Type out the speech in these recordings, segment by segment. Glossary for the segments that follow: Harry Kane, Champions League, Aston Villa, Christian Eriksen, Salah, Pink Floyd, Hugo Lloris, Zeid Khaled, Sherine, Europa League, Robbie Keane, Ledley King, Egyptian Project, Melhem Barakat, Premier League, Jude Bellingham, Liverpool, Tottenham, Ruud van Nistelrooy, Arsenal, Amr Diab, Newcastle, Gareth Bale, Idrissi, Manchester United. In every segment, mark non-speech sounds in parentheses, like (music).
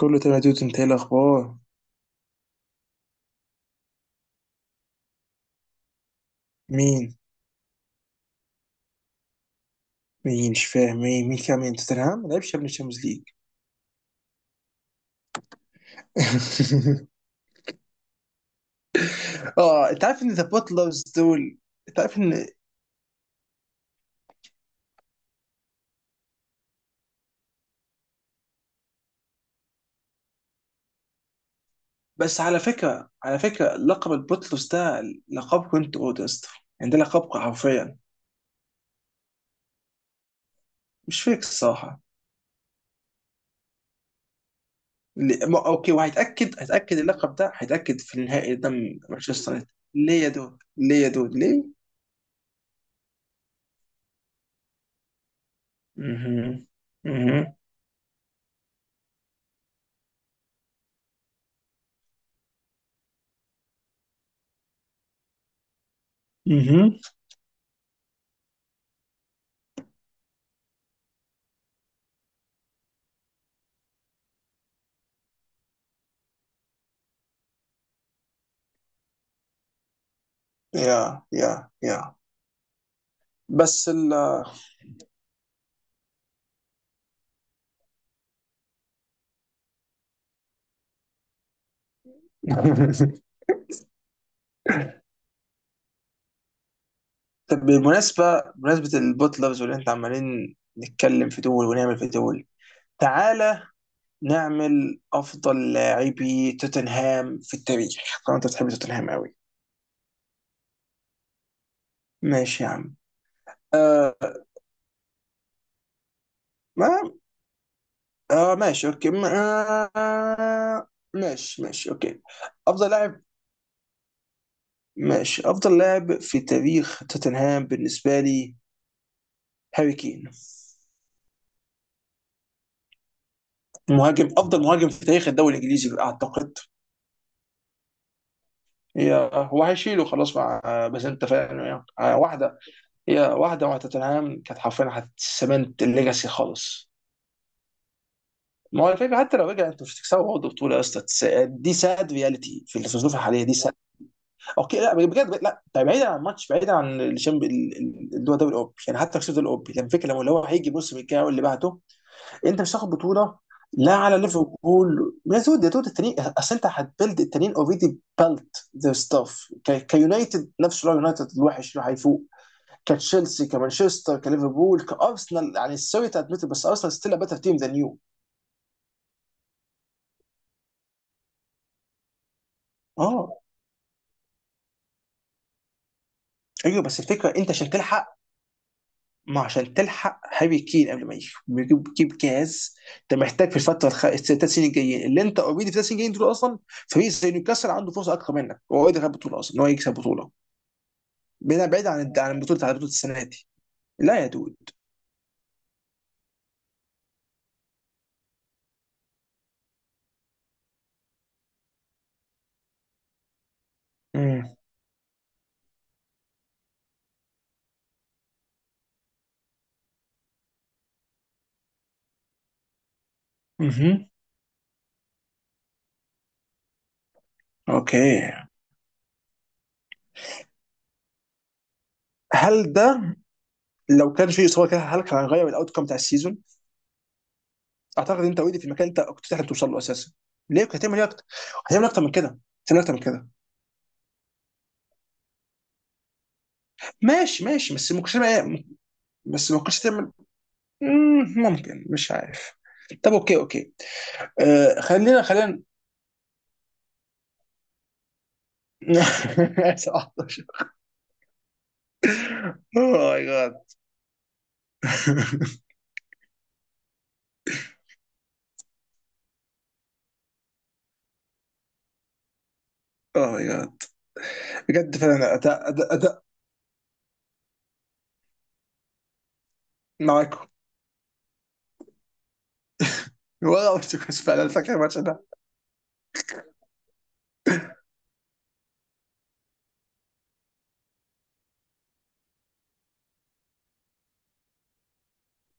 كله تمام يا دود، انت ايه الاخبار؟ مين مين مش فاهم مين كان. توتنهام ما لعبش قبل الشامبيونز ليج. (laughs) اه، انت عارف ان ذا بوتلرز دول، انت عارف ان بس على فكره، لقب البوتلرز ده لقب كنت اودست. يعني ده لقب حرفيا، مش فيك الصراحه. اوكي، وهيتاكد اللقب ده، هيتاكد في النهائي قدام مانشستر يونايتد. ليه يا دود، ليه يا دود، ليه؟ مهم. مهم. مهم. يا يا يا بس ال (laughs) طب بالمناسبة، بمناسبة البوت لافز واللي انت عمالين نتكلم في دول ونعمل في دول، تعالى نعمل أفضل لاعبي توتنهام في التاريخ. طبعا انت بتحب توتنهام قوي. ماشي يا عم. آه ما، ماشي اوكي، ما آه ماشي، اوكي. أفضل لاعب، ماشي. أفضل لاعب في تاريخ توتنهام بالنسبة لي هاري كين. مهاجم، أفضل مهاجم في تاريخ الدوري الإنجليزي أعتقد. هو هيشيله خلاص مع، بس انت فاهم يعني، واحده. هي واحده مع توتنهام كانت حرفيا هتسمنت الليجاسي خالص. ما هو الفكره، حتى لو رجع انت مش هتكسبه برضه بطوله يا اسطى. دي ساد رياليتي في الظروف الحاليه، دي ساد. اوكي لا، بجد لا، ده بعيدا عن الماتش، بعيدا عن الشامب اللي هو الدوري الاوروبي، يعني حتى كسبت الاوروبي. يعني الفكره لما اللي هو هيجي الموسم الجاي واللي بعده، انت مش هتاخد بطوله. لا، على ليفربول يا دود، يا دود التانيين، اصل انت هتبلد التانيين. اوريدي بلت ذير ستاف كيونايتد، نفس اللي هو يونايتد الوحش اللي هيفوق كتشيلسي كمانشستر كليفربول كارسنال. يعني سوري تادمت، بس ارسنال ستيل بيتر تيم ذان يو. اه، ايوه، بس الفكره انت عشان تلحق، ما عشان تلحق هاري كين قبل ما يجي يجيب، جاز. انت محتاج في الفتره الثلاث سنين الجايين، اللي انت اوريدي في الثلاث سنين الجايين دول اصلا. فريق زي نيوكاسل عنده فرصه اكتر منك، هو اوريدي خد بطوله اصلا، ان هو يكسب بطوله. بعيد، عن عن البطوله، عن بطوله السنه دي. لا يا دود. امم. مهم. اوكي. هل ده لو كان في اصابه كده، هل كان هيغير الاوت كوم بتاع السيزون؟ اعتقد انت اوريدي في المكان انت كنت تحلم توصل له اساسا. ليه؟ كنت هتعمل ايه اكتر؟ هتعمل اكتر من كده؟ هتعمل اكتر من كده؟ ماشي ماشي، بس ما كنتش هتعمل إيه؟ بس ما كنتش هتعمل. ممكن، مش عارف. طب اوكي اوكي. آه، خلينا خلينا. (laughs) 17. اوه ماي جاد. اوه ماي جاد. بجد فعلا، اداء، اداء معاكم، ولا اورتيكوس؟ فعلا أنا فاكر الماتش ده.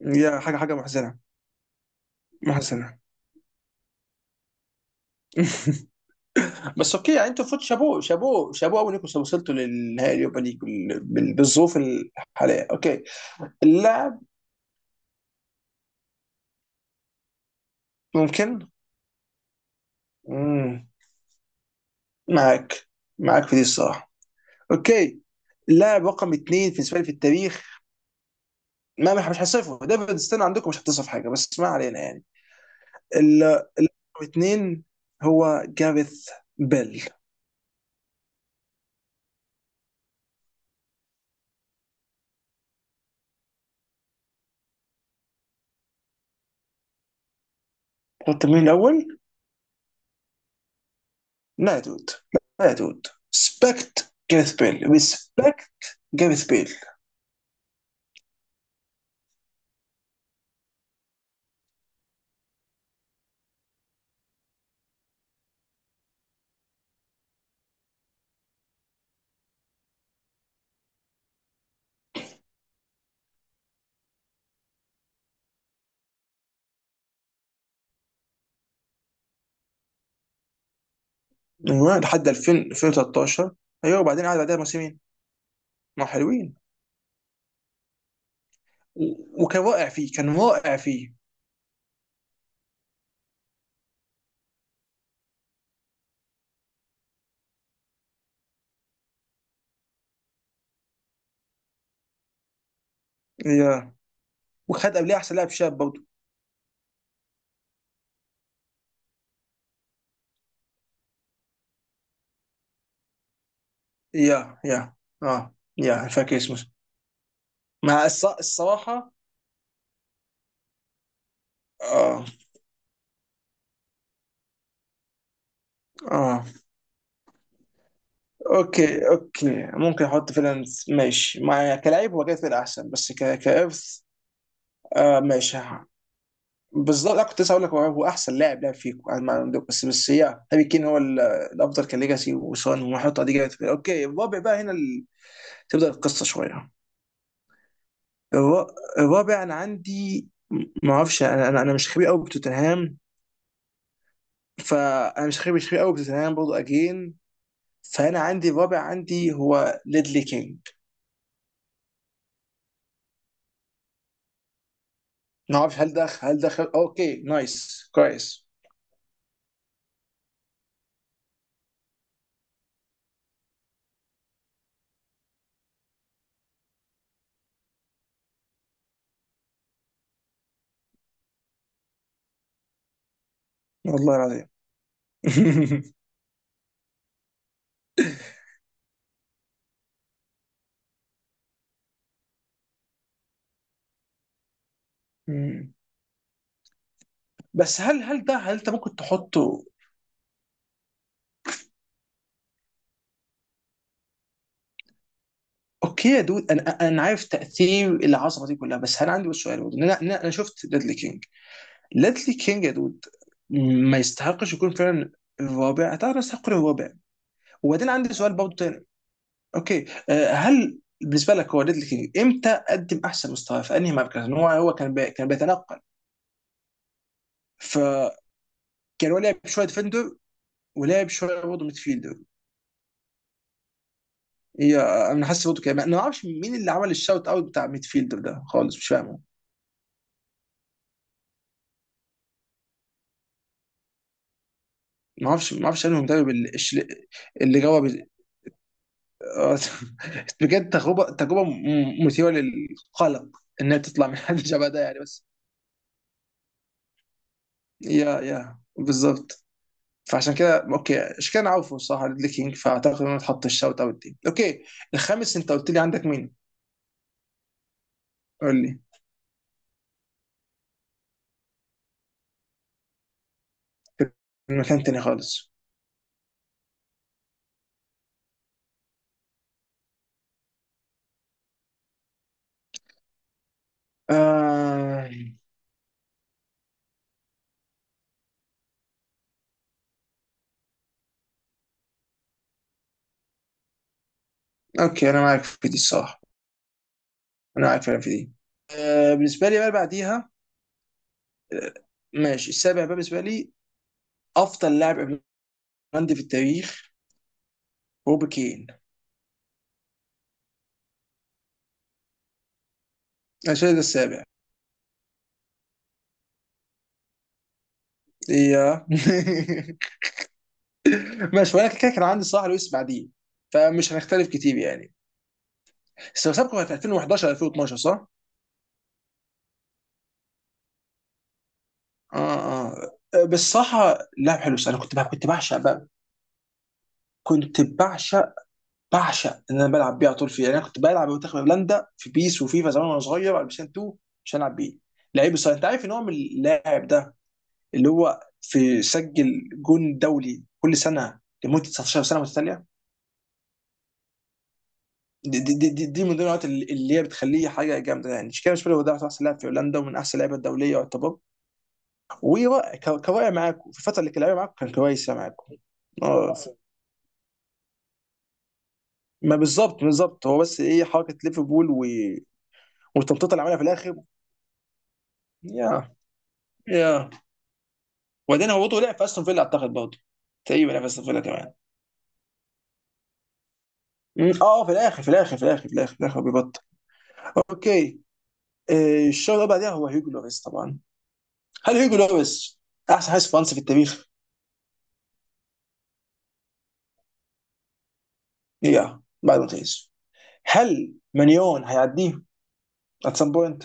يا، حاجه، حاجه محزنه، محزنه. (laughs) بس اوكي يعني، انتوا فوت شابوه شابوه شابوه قوي انكم وصلتوا للنهائي اليوروبا ليج، بالظروف الحاليه، اوكي. اللاعب، ممكن. مم. معاك، معاك في دي الصراحه. اوكي، اللاعب رقم اثنين بالنسبه لي في التاريخ. ما مش، هصفه ديفيد ستين عندكم، مش هتصف حاجه، بس ما علينا يعني. ال- اللاعب رقم اثنين هو جاريث بيل. قلت مين الاول؟ لا يا دود، لا يا دود، سبكت جاريث بيل، ريسبكت جاريث بيل. من وين لحد 2000؟ 2013؟ ايوه، وبعدين قعد بعدها موسمين ما حلوين. وكان رائع فيه، كان رائع فيه. يا، وخد قبلها احسن لاعب شاب برضه. يا، يا، اه، يا فاكر اسمه، الصراحه. اه، اه، اوكي اوكي، ممكن احط فعلا. ماشي، مع كلاعب هو جاي احسن، بس ك... كارث. آه ماشي. بالظبط، انا كنت لسه هقول لك هو، هو احسن لاعب لعب فيكم، انا ما عندك، بس بس، هي هاري كين هو الافضل كليجاسي، وسون وحط دي جابت. اوكي الرابع بقى، هنا تبدا القصه شويه. الر- الرابع انا عندي، ما اعرفش، انا مش خبير قوي بتوتنهام. فانا مش خبير، قوي بتوتنهام برضه اجين. فانا عندي الرابع، عندي هو ليدلي كينج. ما اعرفش هل ده، خل... اوكي نايس، كويس. والله العظيم. (laughs) بس هل، هل ده هل انت ممكن تحطه؟ اوكي يا دود، انا عارف تاثير العصبه دي كلها، بس انا عندي بس سؤال برضه، إن انا انا أنا شفت ليدلي كينج. ليدلي كينج يا دود، ما يستحقش يكون فعلا الرابع؟ اتعرف يستحق يكون الرابع. وبعدين عندي سؤال برضه تاني. اوكي، هل بالنسبه لك هو، ليدلي كينج امتى قدم احسن مستوى في انهي مركز؟ لأن هو، هو كان بي... كان بيتنقل، فكان، هو لعب شويه ديفندر ولعب شويه برضه ميدفيلدر. هي، انا حاسس برضه كده، انا ما اعرفش مين اللي عمل الشاوت اوت بتاع ميدفيلدر ده خالص، مش فاهمه. ما اعرفش، انا المدرب اللي اللي جرب. آه، (laughs) بجد تجربه، تجربه مثيره للقلق، انها تطلع من (laughs) حد شبه ده يعني، بس. يا، يا بالظبط. فعشان كده اوكي، عشان كده انا عارفه الصراحه ليدلي كينج، فاعتقد انه اتحط الشوت اوت دي اوكي. الخامس، انت قلت لي عندك مين؟ قول لي من مكان تاني خالص. آه... اوكي انا معاك في دي الصراحه، انا معاك فعلا في دي. بالنسبه لي بقى بعديها، آه، ماشي. السابع بقى بالنسبه لي، افضل لاعب عندي في التاريخ، روبي كين. الشاهد السابع. يا. (laughs) ماشي، وانا كده كان عندي صلاح لويس بعديه، فمش هنختلف كتير يعني. بس لو سابقا، كانت 2011؟ 2012 صح؟ اه اه، بس صراحة لعب حلو. بس انا كنت بقى، بعشق بقى، كنت بعشق، ان انا بلعب بيه على طول فيه. يعني انا كنت بلعب منتخب هولندا في بيس وفيفا زمان وانا صغير على بلايستيشن 2، عشان العب بيه. لعيب، بس انت عارف ان هو من اللاعب ده اللي هو في سجل جون دولي كل سنة لمدة 19 سنة متتالية. دي من ضمن النقط اللي هي بتخليه حاجه جامده، يعني شيكابالا بالنسبه لي. هو ده احسن لاعب في هولندا، ومن احسن اللعيبه الدوليه يعتبر. وكواقع معاكم في الفتره اللي كان لعيبه معاكم كان كويسه معاكم. اه، ما بالظبط، هو بس ايه حركه ليفربول و... والتمطيط اللي عملها في الاخر. يا، يا، وبعدين هو برضه لعب في استون فيلا اعتقد برضه، تقريبا لعب في استون فيلا كمان. مم، اه، في الاخر، في الاخر، في الاخر، في الاخر، في الاخر بيبطل. اوكي. الشوط اللي بعدها هو هيجو لوريس طبعا. هل هيجو لوريس احسن حارس فرنسي في التاريخ؟ يا، بعد ما تقيس. هل مليون هيعديه ات سم بوينت؟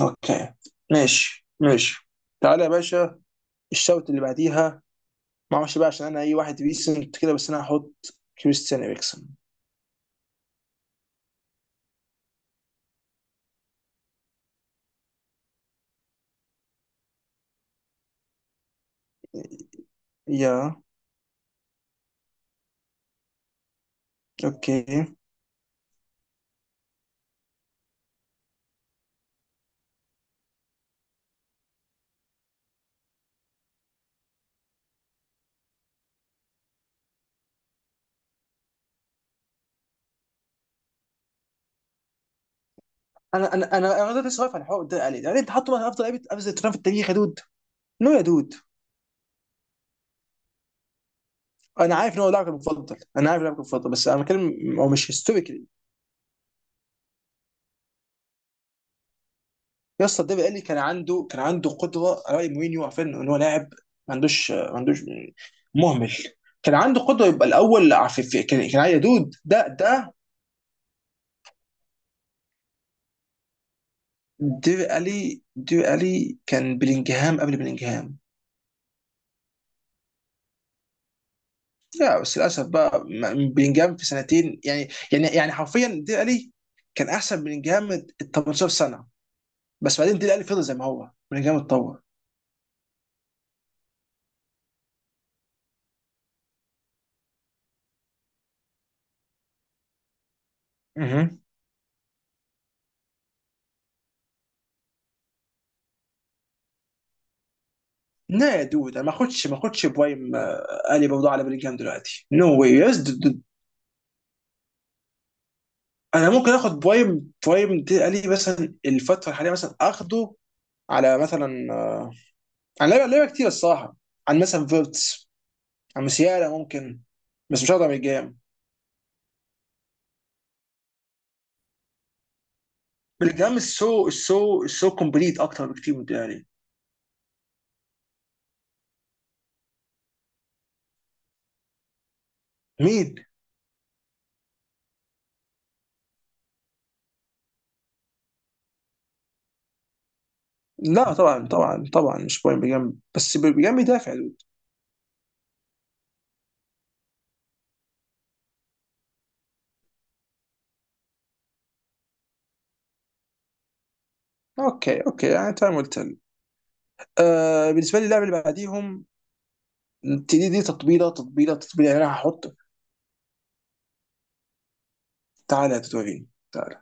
اوكي، ماشي ماشي. تعالى يا باشا، الشوط اللي بعديها. ما اعرفش بقى، عشان انا اي واحد ريسنت كده، بس انا هحط كريستيان اريكسون. يا. اوكي، انا لسه واقف على الحوار ده علي. يعني انت حاطه مثلا افضل لعيبه، افضل ترام في التاريخ يا دود؟ نو يا دود، انا عارف ان هو لاعبك المفضل، انا عارف لاعبك المفضل، بس انا بتكلم هو مش هيستوريكلي. يا اسطى، الدوري الايطالي كان عنده، قدره على راي مورينيو، عارفين ان هو لاعب ما عندوش مهمل. كان عنده قدره يبقى الاول في كان، كان عادي يا دود، ده. دير الي، كان بلينجهام قبل بلينجهام. لا بس للاسف بقى، بلينجهام في سنتين، يعني يعني يعني حرفيا دير الي كان احسن من بلينجهام ال 18 سنه، بس بعدين دير الي فضل زي ما هو، بلينجهام اتطور. مهم. لا يا دود، انا ما اخدش، بوايم الي برضه على بلينجهام دلوقتي، نو واي يس. انا ممكن اخد برايم، دي قال لي مثلا الفتره الحاليه، مثلا اخده على مثلا، عن لعيبه، كتير الصراحه، عن مثلا فيرتس، عن مسيالا ممكن. بس مش هقدر من الجام، الجام السو كومبليت اكتر بكتير من، يعني. مين؟ لا طبعا، طبعا، مش برايم بجنب، بس بجنب بيدافع دود. اوكي اوكي، يعني تمام قلت لك. آه، بالنسبه لي اللاعب اللي بعديهم، دي دي تطبيله تطبيله، يعني انا هحط، تعالى يا توتورينو، تعالى.